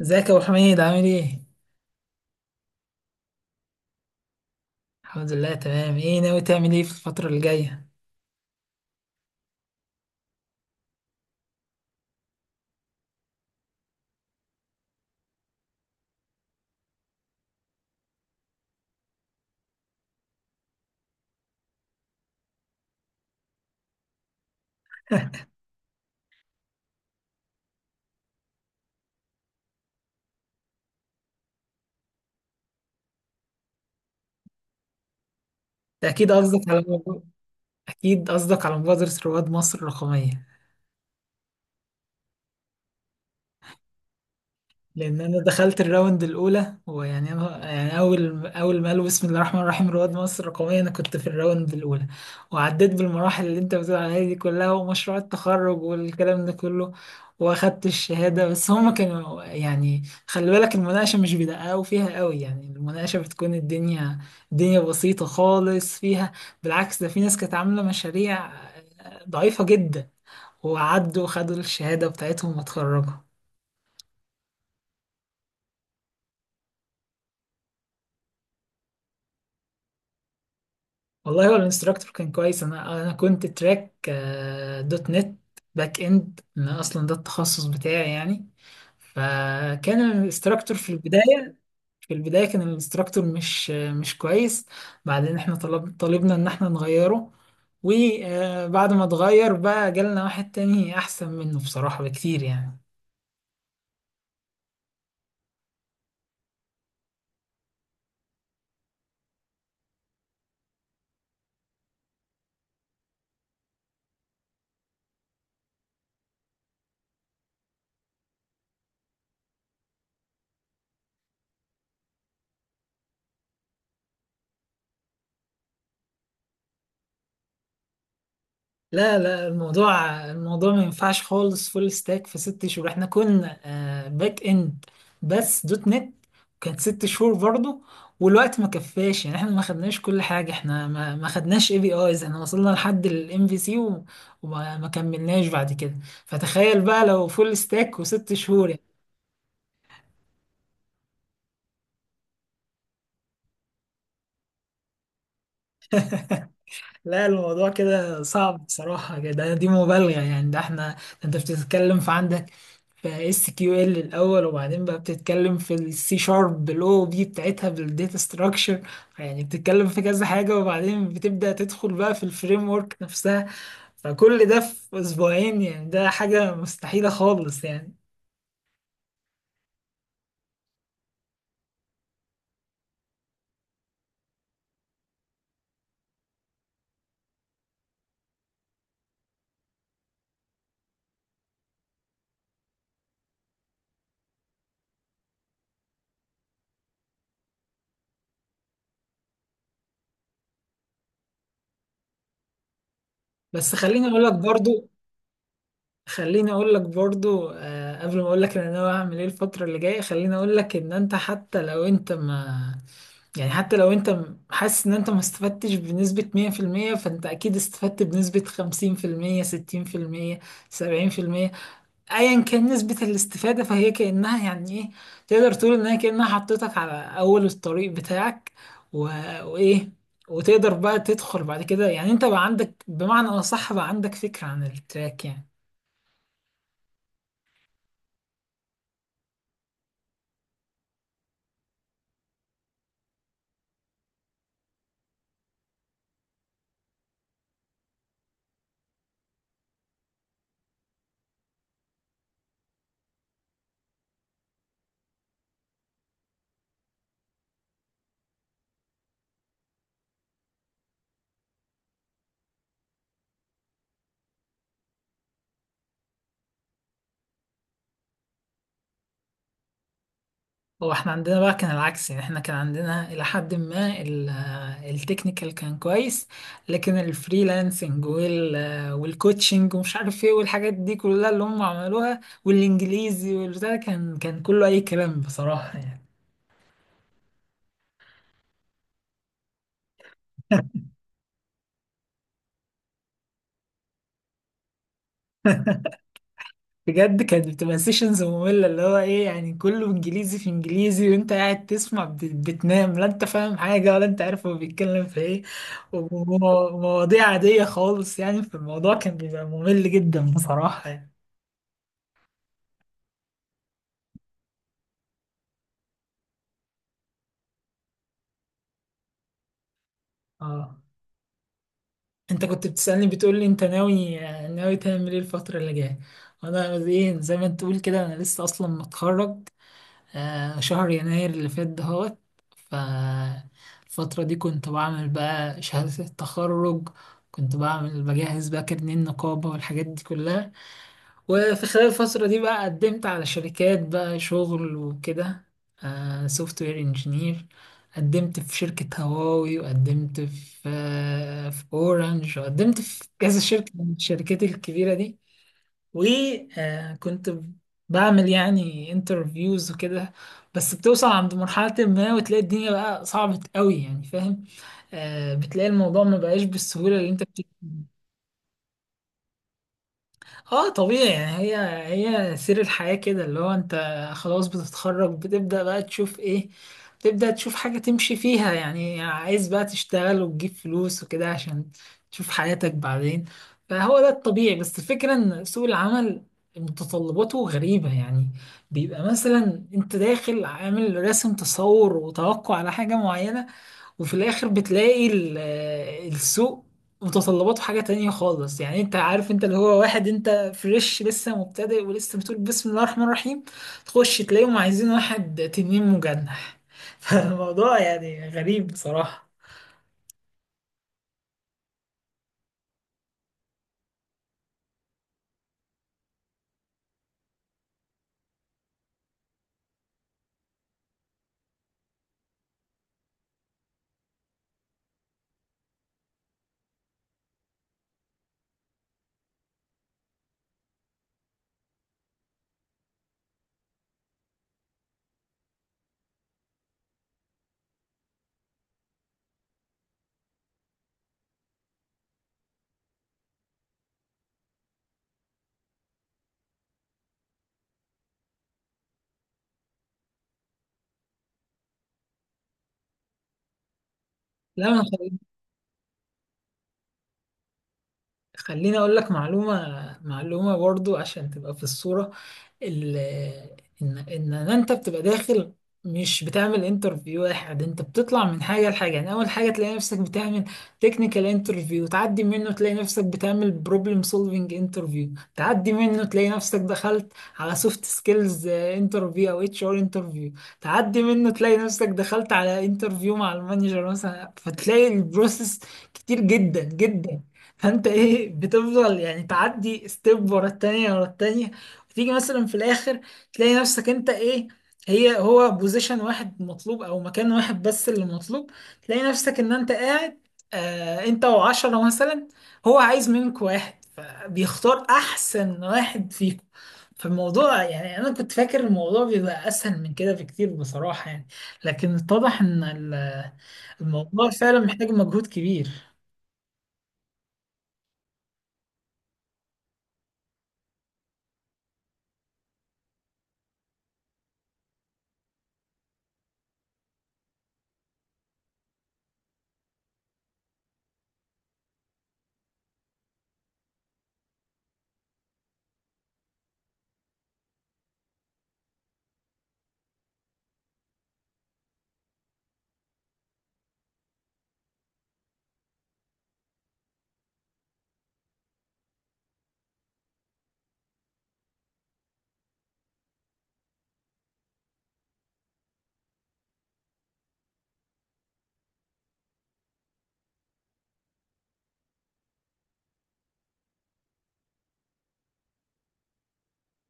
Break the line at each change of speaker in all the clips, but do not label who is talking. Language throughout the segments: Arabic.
ازيك يا ابو حميد؟ عامل ايه؟ الحمد لله تمام. ايه ناوي تعمل ايه في الفترة اللي جاية؟ ده اكيد قصدك على مبادرة. اكيد قصدك على مبادرة رواد مصر الرقمية. لان انا دخلت الراوند الاولى. أنا اول ما قالوا بسم الله الرحمن الرحيم رواد مصر الرقميه، انا كنت في الراوند الاولى، وعديت بالمراحل اللي انت بتقول عليها دي كلها، ومشروع التخرج والكلام ده كله، واخدت الشهاده. بس هم كانوا يعني خلي بالك المناقشه مش بيدققوا فيها قوي، يعني المناقشه بتكون الدنيا الدنيا بسيطه خالص فيها. بالعكس، ده في ناس كانت عامله مشاريع ضعيفه جدا وعدوا وخدوا الشهاده بتاعتهم واتخرجوا. والله هو الانستراكتور كان كويس. انا كنت تراك دوت نت باك اند. انا اصلا ده التخصص بتاعي يعني. فكان الانستراكتور في البدايه، في البدايه كان الانستراكتور مش كويس. بعدين احنا طلبنا ان احنا نغيره، وبعد ما اتغير بقى جالنا واحد تاني احسن منه بصراحه بكتير يعني. لا لا، الموضوع الموضوع ما ينفعش خالص فول ستاك في ست شهور. احنا كنا باك اند بس دوت نت، كانت ست شهور برضو، والوقت ما كفاش يعني. احنا ما خدناش كل حاجة، احنا ما خدناش اي بي ايز. احنا وصلنا لحد الام في سي وما ما كملناش بعد كده. فتخيل بقى لو فول ستاك وست شهور. لا، الموضوع كده صعب بصراحة، ده دي مبالغة يعني. ده احنا ده انت بتتكلم في عندك في اس كيو ال الأول، وبعدين بقى بتتكلم في السي شارب بالاو بي بتاعتها بالداتا ستراكشر، يعني بتتكلم في كذا حاجة، وبعدين بتبدأ تدخل بقى في الفريم ورك نفسها. فكل ده في أسبوعين؟ يعني ده حاجة مستحيلة خالص يعني. بس خليني أقول لك برضو، خليني اقول لك برضو، آه، قبل ما اقول لك انا ناوي اعمل ايه الفتره اللي جايه، خليني اقول لك ان انت حتى لو انت ما يعني حتى لو حاسس ان انت ما استفدتش بنسبة 100%، فانت اكيد استفدت بنسبة 50%، 60%، 70%. ايا كان نسبة الاستفادة، فهي كأنها يعني ايه، تقدر تقول انها كأنها حطيتك على اول الطريق بتاعك و... وايه، وتقدر بقى تدخل بعد كده. يعني انت بقى عندك، بمعنى اصح بقى عندك فكرة عن التراك يعني. هو احنا عندنا بقى كان العكس يعني. احنا كان عندنا الى حد ما التكنيكال كان كويس، لكن الفريلانسنج والكوتشنج ومش عارف ايه والحاجات دي كلها اللي هم عملوها، والانجليزي والبتاع ده كان كله اي كلام بصراحة يعني. بجد كانت بتبقى سيشنز مملة. اللي هو ايه يعني، كله انجليزي في انجليزي، وانت قاعد تسمع بتنام. لا انت فاهم حاجة، ولا انت عارف هو بيتكلم في ايه. ومواضيع عادية خالص يعني في الموضوع، كان بيبقى ممل جدا بصراحة يعني. اه، انت كنت بتسألني بتقول لي انت ناوي، ناوي تعمل ايه الفترة اللي جاية. وانا ايه زي ما انت تقول كده، انا لسه اصلا متخرج آه شهر يناير اللي فات دهوت. ف الفترة دي كنت بعمل بقى شهادة التخرج، كنت بعمل بجهز بقى كارنيه النقابة والحاجات دي كلها. وفي خلال الفترة دي بقى قدمت على شركات بقى شغل وكده، سوفت وير انجينير. قدمت في شركة هواوي، وقدمت في في اورنج، وقدمت في كذا شركة من الشركات الكبيرة دي. وكنت بعمل يعني انترفيوز وكده، بس بتوصل عند مرحلة ما وتلاقي الدنيا بقى صعبة قوي يعني. فاهم، بتلاقي الموضوع ما بقاش بالسهولة اللي انت. اه طبيعي يعني. هي هي سير الحياة كده، اللي هو انت خلاص بتتخرج، بتبدأ بقى تشوف ايه، بتبدأ تشوف حاجة تمشي فيها يعني. عايز بقى تشتغل وتجيب فلوس وكده عشان تشوف حياتك بعدين. فهو ده الطبيعي. بس الفكرة ان سوق العمل متطلباته غريبة يعني. بيبقى مثلا انت داخل عامل راسم تصور وتوقع على حاجة معينة، وفي الاخر بتلاقي السوق متطلباته حاجة تانية خالص يعني. انت عارف انت اللي هو واحد انت فريش لسه مبتدئ، ولسه بتقول بسم الله الرحمن الرحيم تخش تلاقيهم عايزين واحد تنين مجنح. فالموضوع يعني غريب بصراحة. لا ما خل- خليني اقول لك معلومة، معلومة برضو عشان تبقى في الصورة. ال ان ان إن انت بتبقى داخل، مش بتعمل انترفيو واحد. انت بتطلع من حاجه لحاجه يعني. اول حاجه تلاقي نفسك بتعمل تكنيكال انترفيو، تعدي منه تلاقي نفسك بتعمل بروبلم سولفنج انترفيو، تعدي منه تلاقي نفسك دخلت على سوفت سكيلز انترفيو او اتش ار انترفيو، تعدي منه تلاقي نفسك دخلت على انترفيو مع المانجر مثلا. فتلاقي البروسيس كتير جدا. فانت ايه بتفضل يعني تعدي ستيب ورا التانية ورا التانية. تيجي مثلا في الاخر تلاقي نفسك انت ايه، هو بوزيشن واحد مطلوب او مكان واحد بس اللي مطلوب. تلاقي نفسك ان انت قاعد آه انت وعشرة مثلا، هو عايز منك واحد، فبيختار احسن واحد فيكم. فالموضوع يعني انا كنت فاكر الموضوع بيبقى اسهل من كده بكتير بصراحة يعني. لكن اتضح ان الموضوع فعلا محتاج مجهود كبير.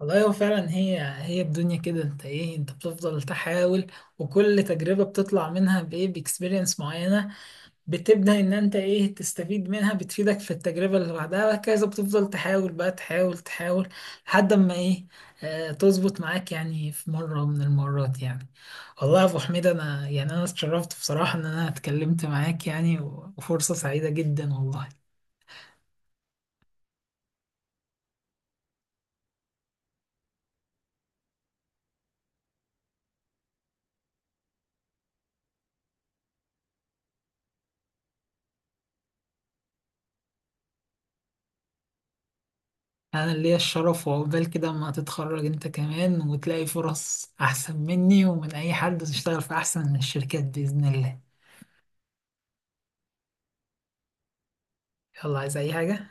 والله هو فعلا هي هي الدنيا كده، انت ايه انت بتفضل تحاول، وكل تجربة بتطلع منها بايه باكسبيرينس معينة. بتبدأ ان انت ايه تستفيد منها، بتفيدك في التجربة اللي بعدها وهكذا. بتفضل تحاول بقى، تحاول تحاول لحد ما ايه، اه تظبط معاك يعني في مرة من المرات يعني. والله يا ابو حميد، انا يعني انا اتشرفت بصراحة ان انا اتكلمت معاك يعني، وفرصة سعيدة جدا والله. انا ليا الشرف، وعقبال كده اما تتخرج انت كمان، وتلاقي فرص احسن مني ومن اي حد، وتشتغل في احسن من الشركات باذن الله. يلا، عايز اي حاجه؟